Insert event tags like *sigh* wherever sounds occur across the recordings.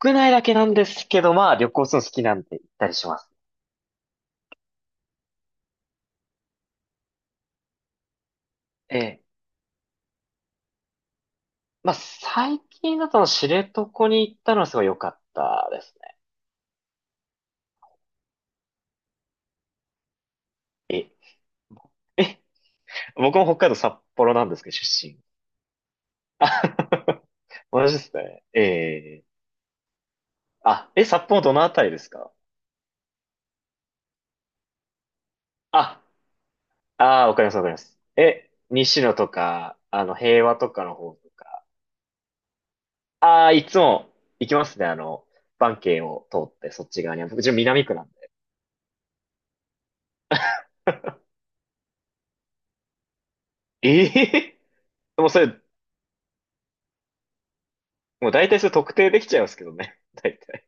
国内だけなんですけど、まあ旅行するの好きなんで行ったりします。ええ。まあ最近だと知床に行ったのはすごい良かったですね。え、え、僕も北海道札幌なんですけど、出身。あ *laughs* 同じですね。ええ。あ、札幌どのあたりですか？あ、ああ、わかります、わかります。西野とか、平和とかの方とか。ああ、いつも行きますね、バンを通ってそっち側には。僕、自分南区なんで。*laughs* ええでもうそれ、もう大体それ特定できちゃいますけどね。*laughs* 大体。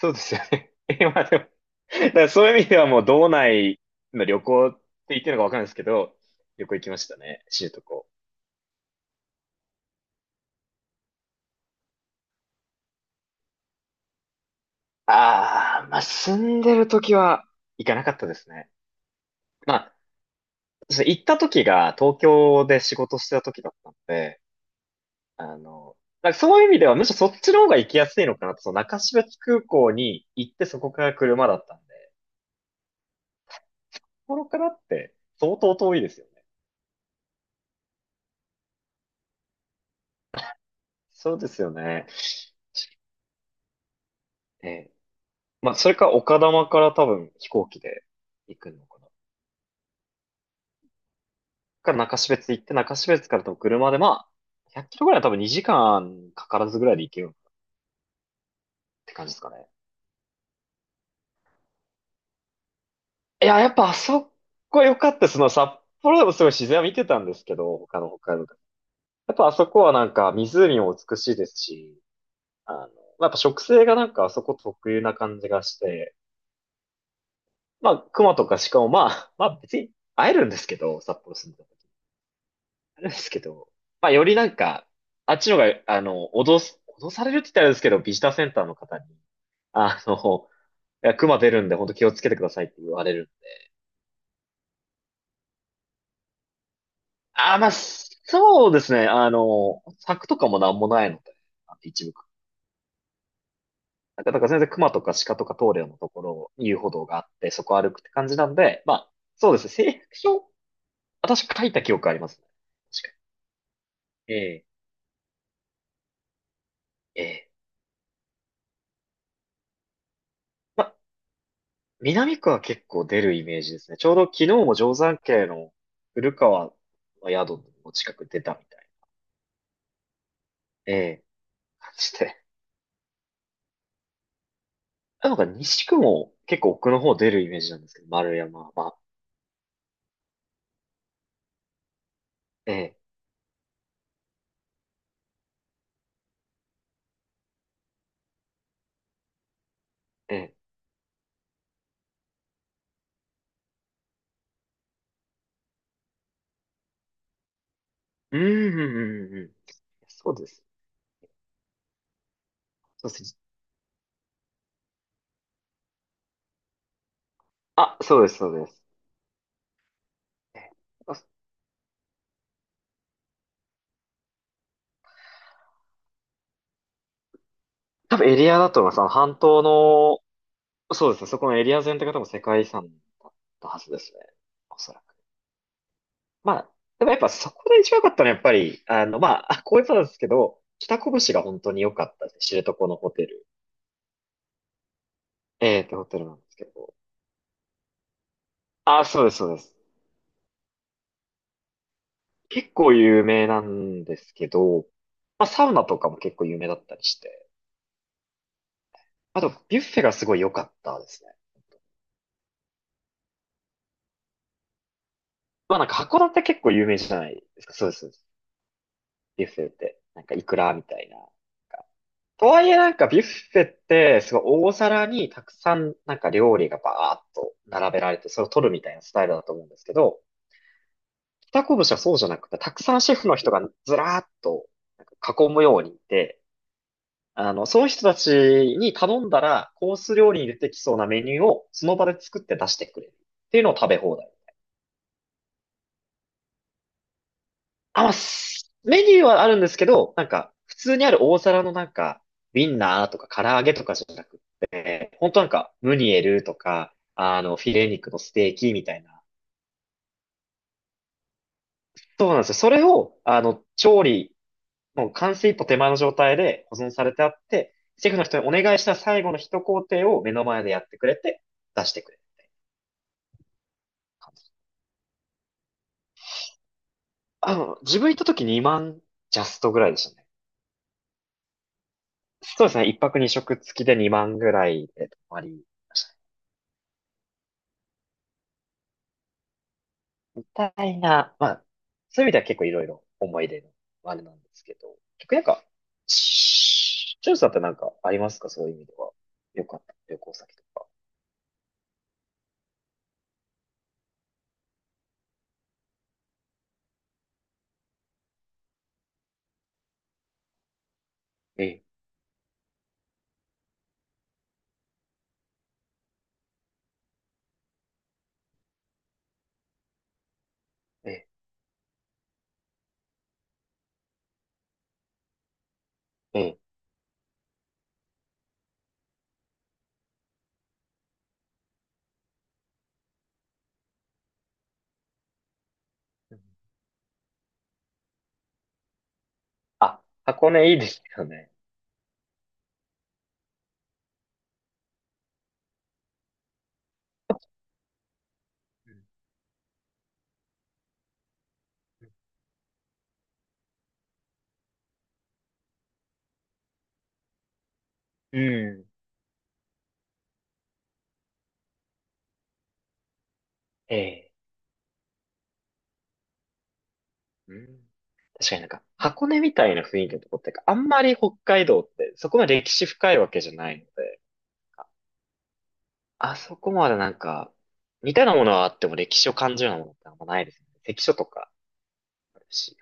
そうですよね。*laughs* 今でもだからそういう意味ではもう道内の旅行って言ってるのかわかんないですけど、旅行行きましたね。知床。ああ、まあ、住んでる時は行かなかったですね。まあ、そう行った時が東京で仕事してた時だったので、あの、だからそういう意味ではむしろそっちの方が行きやすいのかなと、その中標津空港に行ってそこから車だったんで、そこからって相当遠いですよね。そうですよね。えーまあ、それか丘珠から多分飛行機で行くのかな。中標津行って、中標津から多分車で、まあ、100キロぐらいは多分2時間かからずぐらいで行けるって感じですかね。いや、やっぱあそこ良かったです。その札幌でもすごい自然は見てたんですけど、他の北海道で。やっぱあそこはなんか湖も美しいですし、まあやっぱ植生がなんかあそこ特有な感じがして、まあ熊とか鹿もまあ別に会えるんですけど、札幌住んであれですけど、まあ、よりなんか、あっちのが、脅されるって言ったらあれですけど、ビジターセンターの方に、あの、いや、熊出るんで、本当気をつけてくださいって言われるんで。ああ、まあ、そうですね。柵とかもなんもないので、あの一部区。だから全然熊とか鹿とか通るようなところ、遊歩道があって、そこ歩くって感じなんで、まあ、そうですね。誓約書、私書いた記憶ありますね。確かに。ええ、ええ。まあ南区は結構出るイメージですね。ちょうど昨日も定山渓の古川の宿の近く出たみたいな、ええ、感じで。なんか西区も結構奥の方出るイメージなんですけど、丸山、はええ、ええ。うん、うん、うん、うん。そうです。そうです。あ、そうです、そうです。ええ、あ、多分エリアだと思います。あの半島の、そうですね、そこのエリア全体が多分世界遺産だったはずですね。おそらく。まあ、でもやっぱそこで一番良かったのはやっぱり、まあ、あ、こういうことなんですけど、北拳が本当に良かったですね。知床のホテル。ホテルなんですけど。あ、そうです、そうです。結構有名なんですけど、まあ、サウナとかも結構有名だったりして。あと、ビュッフェがすごい良かったですね。まあなんか函館結構有名じゃないですか。そうです、そうです。ビュッフェって。なんかイクラみたいな。とはいえなんかビュッフェってすごい大皿にたくさんなんか料理がバーッと並べられてそれを取るみたいなスタイルだと思うんですけど、北こぶしはそうじゃなくてたくさんシェフの人がずらーっとなんか囲むようにいて、その人たちに頼んだらコース料理に出てきそうなメニューをその場で作って出してくれるっていうのを食べ放題。あ、メニューはあるんですけど、なんか、普通にある大皿のなんか、ウィンナーとか唐揚げとかじゃなくて、本当なんか、ムニエルとか、フィレ肉のステーキみたいな。そうなんですよ。それを、もう完成一歩手前の状態で保存されてあって、シェフの人にお願いした最後の一工程を目の前でやってくれて、出してくれる感じ。自分行った時2万ジャストぐらいでしたね。そうですね。一泊二食付きで2万ぐらいで泊まり。たいな、まあ、そういう意味では結構いろいろ思い出のあれなんですけど、結構なんか、しジュンさってなんかありますか？そういう意味では。よかった。旅行先とか。ええ、ええ、ええ。うん、あ、箱根いいですよね。うん。うん、ええ。うん。確かになんか、箱根みたいな雰囲気のとこってか、あんまり北海道ってそこまで歴史深いわけじゃないので、ああそこまでなんか、似たようなものはあっても歴史を感じるようなものってあんまないですね。関所とかあるし。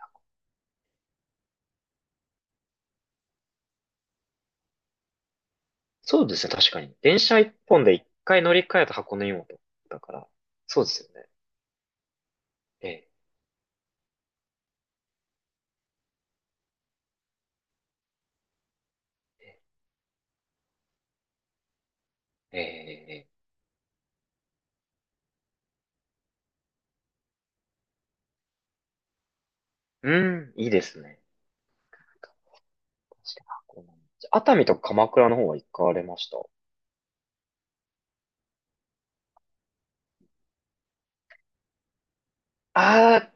そうですね、確かに。電車一本で一回乗り換えた箱根湯本だから、そうですよね。ええ、ええ、ええ、うん、いいですね。なんか確かに箱根、熱海とか鎌倉の方は行かれました？あ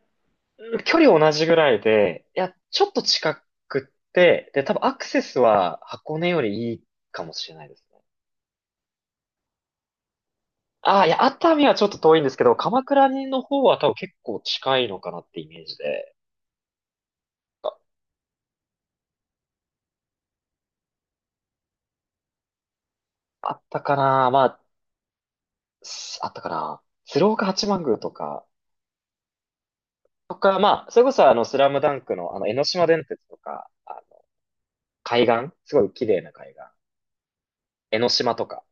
あ、距離同じぐらいで、いや、ちょっと近くって、で、多分アクセスは箱根よりいいかもしれないですね。ああ、いや、熱海はちょっと遠いんですけど、鎌倉の方は多分結構近いのかなってイメージで、あったかな。まあ、あったかな。鶴岡八幡宮とか、まあ、それこそスラムダンクの江ノ島電鉄とか、あの海岸すごい綺麗な海岸。江ノ島とか。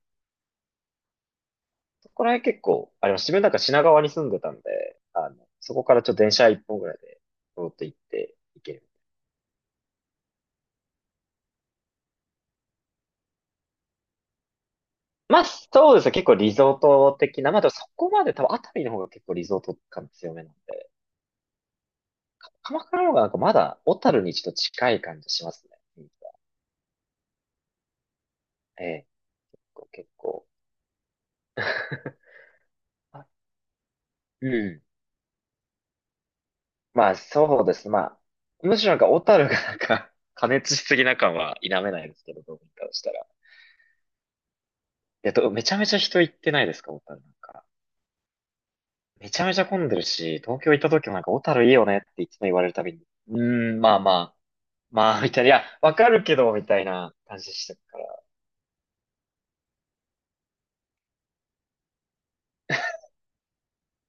そこら辺結構、あれ、自分なんか品川に住んでたんで、そこからちょっと電車一本ぐらいで、通って行って行ける。まあ、そうですね。結構リゾート的な。まあ、でもそこまで多分熱海の方が結構リゾート感強めなんで、鎌倉の方がなんかまだ小樽にちょっと近い感じしますね。うん、ええ、結構。結構 *laughs* うん、まあ、そうです。まあ、むしろなんか、小樽がなんか *laughs* 加熱しすぎな感は否めないですけど、どうにかしたら。めちゃめちゃ人行ってないですか？小樽なんか。めちゃめちゃ混んでるし、東京行った時もなんか、小樽いいよねっていつも言われるたびに、うーん、まあまあ、まあ、みたいな、いや、わかるけど、みたいな感じでしたから。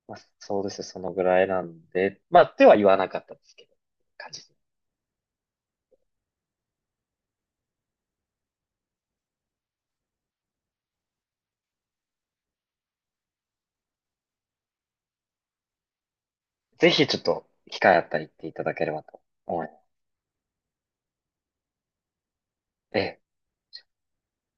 まあ、そうですよそのぐらいなんで、まあ、では言わなかったですけど、感じです。ぜひちょっと、機会あったり行っていただければと思います。ええ